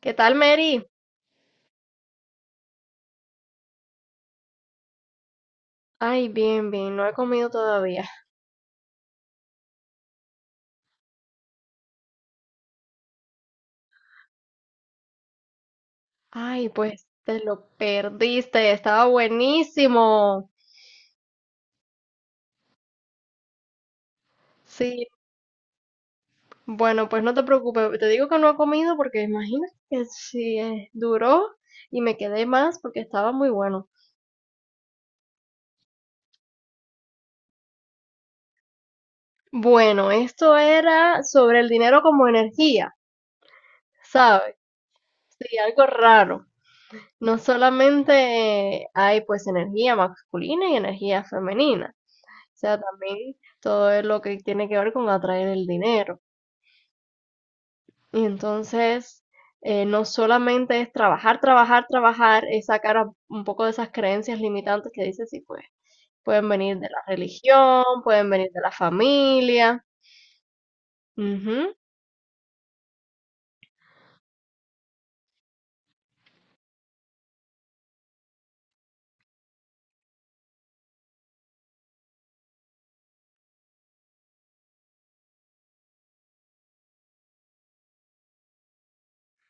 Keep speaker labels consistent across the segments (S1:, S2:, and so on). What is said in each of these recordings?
S1: ¿Qué tal, Mary? Ay, bien, bien, no he comido todavía. Ay, pues te lo perdiste, estaba buenísimo. Sí, bueno, pues no te preocupes, te digo que no he comido porque imagínate, que si duró y me quedé más porque estaba muy bueno. Bueno, esto era sobre el dinero como energía, ¿sabes? Sí, algo raro. No solamente hay pues energía masculina y energía femenina. O sea, también todo es lo que tiene que ver con atraer el dinero. Y entonces, no solamente es trabajar, trabajar, trabajar, es sacar un poco de esas creencias limitantes que dices, sí, pues, pueden venir de la religión, pueden venir de la familia. Ujú.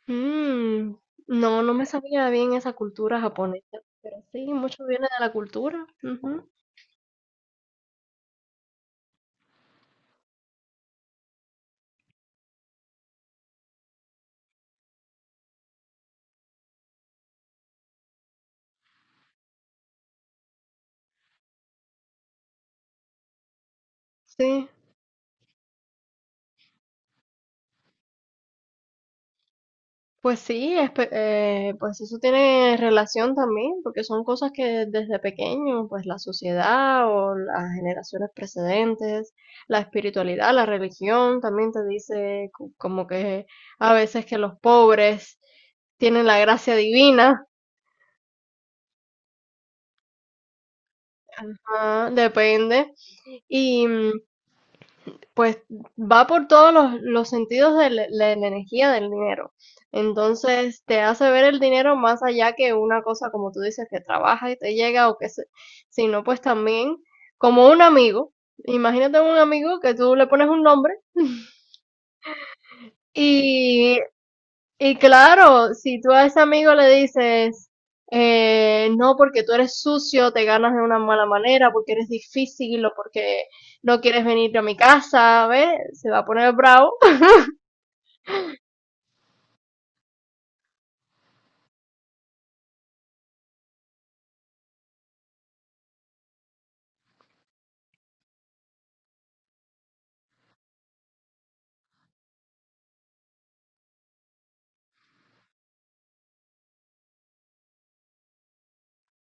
S1: Mm, no, no me sabía bien esa cultura japonesa, pero sí, mucho viene de la cultura. Ujú. Sí. Pues sí, pues eso tiene relación también, porque son cosas que desde pequeño, pues la sociedad o las generaciones precedentes, la espiritualidad, la religión, también te dice como que a veces que los pobres tienen la gracia divina, ah, depende, y, mm, pues va por todos los sentidos de la energía del dinero. Entonces te hace ver el dinero más allá que una cosa, como tú dices, que trabaja y te llega o que se, sino pues también como un amigo. Imagínate un amigo que tú le pones un nombre y, y claro, si tú a ese amigo le dices, no, porque tú eres sucio, te ganas de una mala manera, porque eres difícil o porque no quieres venir a mi casa, ¿ves? Se va a poner bravo.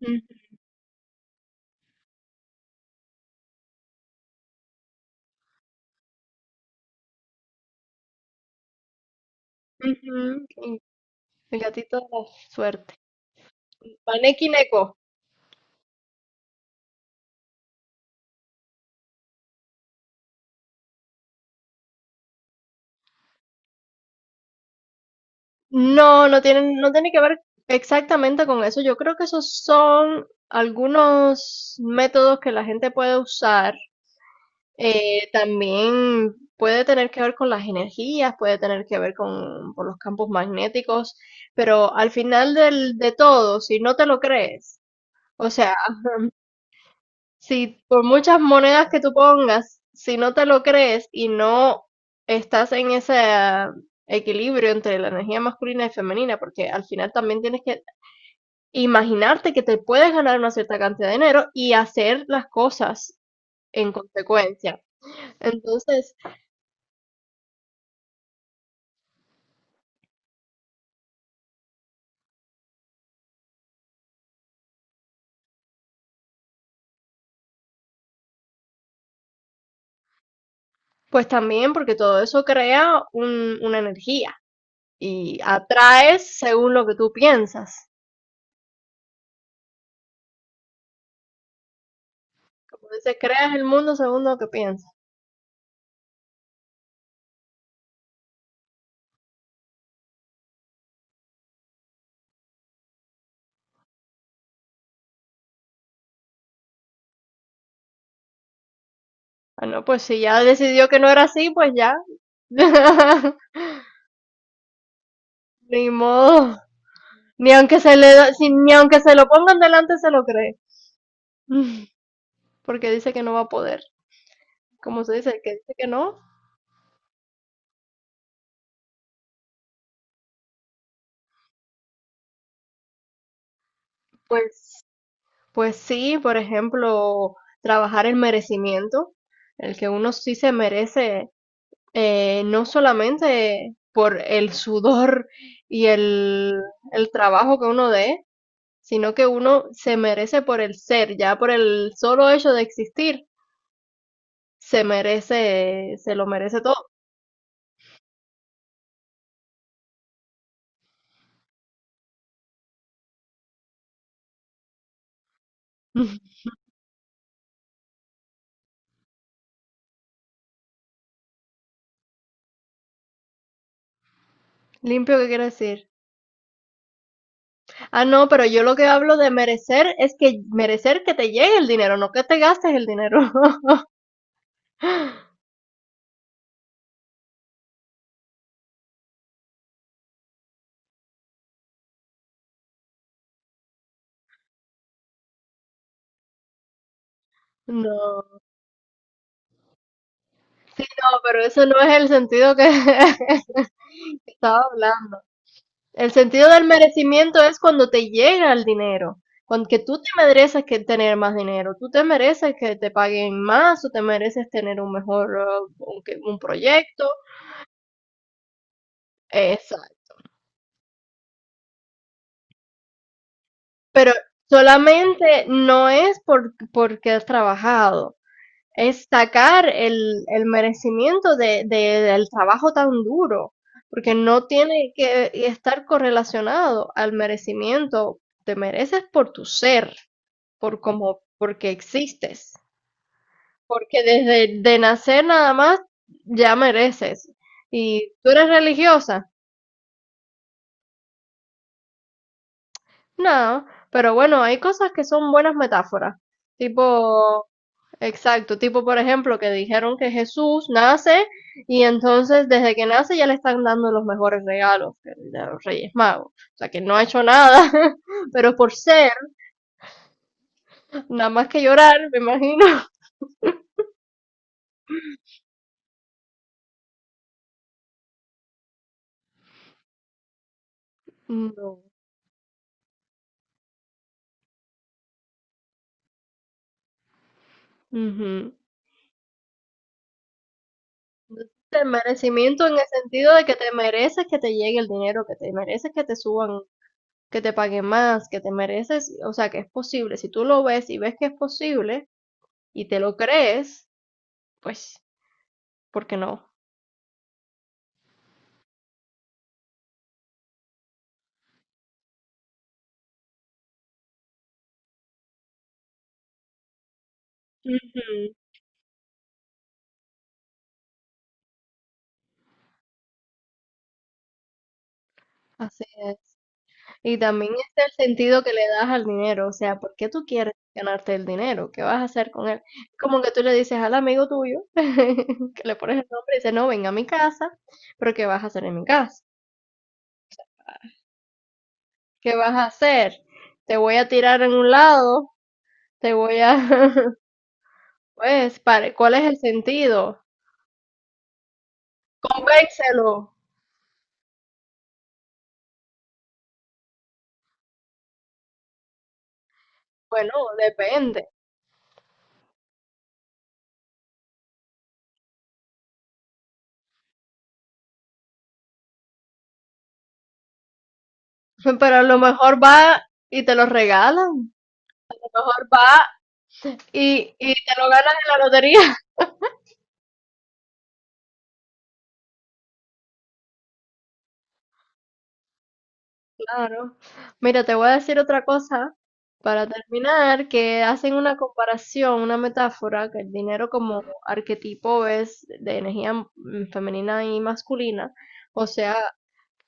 S1: Ujú, y el gatito de la suerte. Maneki Neko. No, no tienen, no tiene que ver exactamente con eso. Yo creo que esos son algunos métodos que la gente puede usar. También puede tener que ver con las energías, puede tener que ver con los campos magnéticos, pero al final de todo, si no te lo crees, o sea, si por muchas monedas que tú pongas, si no te lo crees y no estás en ese equilibrio entre la energía masculina y femenina, porque al final también tienes que imaginarte que te puedes ganar una cierta cantidad de dinero y hacer las cosas en consecuencia. Entonces, pues también porque todo eso crea una energía y atraes según lo que tú piensas. Como dices, creas el mundo según lo que piensas. Ah, no, pues si ya decidió que no era así, pues ya. Ni modo. Ni aunque se le da- si- ni aunque se lo pongan delante se lo cree. Porque dice que no va a poder. Como se dice, el que dice que no, pues, pues sí, por ejemplo, trabajar el merecimiento, el que uno sí se merece, no solamente por el sudor y el trabajo que uno dé, sino que uno se merece por el ser, ya por el solo hecho de existir, se merece, se lo merece todo. Limpio, ¿qué quiere decir? Ah, no, pero yo lo que hablo de merecer es que merecer que te llegue el dinero, no que te gastes el dinero. No, sí, no, pero eso no es el sentido que estaba hablando. El sentido del merecimiento es cuando te llega el dinero, cuando que tú te mereces que tener más dinero, tú te mereces que te paguen más o te mereces tener un mejor un proyecto, exacto. Pero solamente no es porque has trabajado. Es sacar el merecimiento del trabajo tan duro, porque no tiene que estar correlacionado al merecimiento. Te mereces por tu ser, por como, porque existes, porque desde de nacer nada más ya mereces. ¿Y tú eres religiosa? No, pero bueno, hay cosas que son buenas metáforas, tipo. Exacto, tipo, por ejemplo, que dijeron que Jesús nace y entonces desde que nace ya le están dando los mejores regalos de los Reyes Magos. O sea que no ha hecho nada, pero por ser, nada más que llorar, me imagino. No. Ujú. El merecimiento en el sentido de que te mereces que te llegue el dinero, que te mereces que te suban, que te paguen más, que te mereces, o sea que es posible. Si tú lo ves y ves que es posible y te lo crees, pues, ¿por qué no? Ujú. Así es. Y también está el sentido que le das al dinero, o sea, ¿por qué tú quieres ganarte el dinero? ¿Qué vas a hacer con él? Como que tú le dices al amigo tuyo, que le pones el nombre y dice, no, ven a mi casa, pero ¿qué vas a hacer en mi casa? ¿Qué vas a hacer? ¿Te voy a tirar en un lado? ¿Te voy a...? Pues, ¿cuál es el sentido? Pénselo. Bueno, depende. Pero a lo mejor va y te lo regalan, va y te lo ganas en la lotería. Claro. Mira, te voy a decir otra cosa para terminar, que hacen una comparación, una metáfora, que el dinero como arquetipo es de energía femenina y masculina, o sea,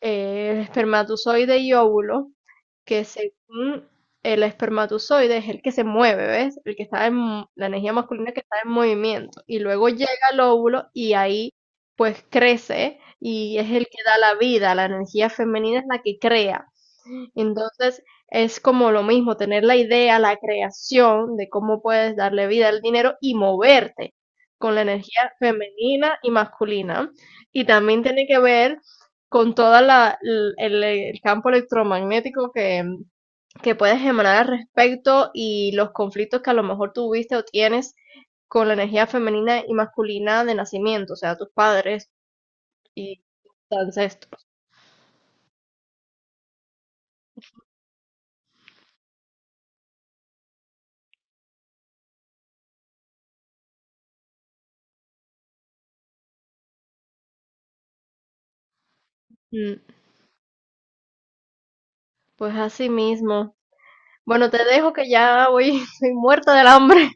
S1: el espermatozoide y óvulo, que según el espermatozoide es el que se mueve, ¿ves? El que está en la energía masculina que está en movimiento, y luego llega el óvulo y ahí pues crece y es el que da la vida, la energía femenina es la que crea. Entonces, es como lo mismo, tener la idea, la creación de cómo puedes darle vida al dinero y moverte con la energía femenina y masculina. Y también tiene que ver con todo el campo electromagnético que puedes emanar al respecto y los conflictos que a lo mejor tuviste o tienes con la energía femenina y masculina de nacimiento, o sea, tus padres y tus ancestros. Mm. Pues así mismo. Bueno, te dejo que ya voy, soy muerta del hambre.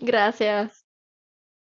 S1: Gracias.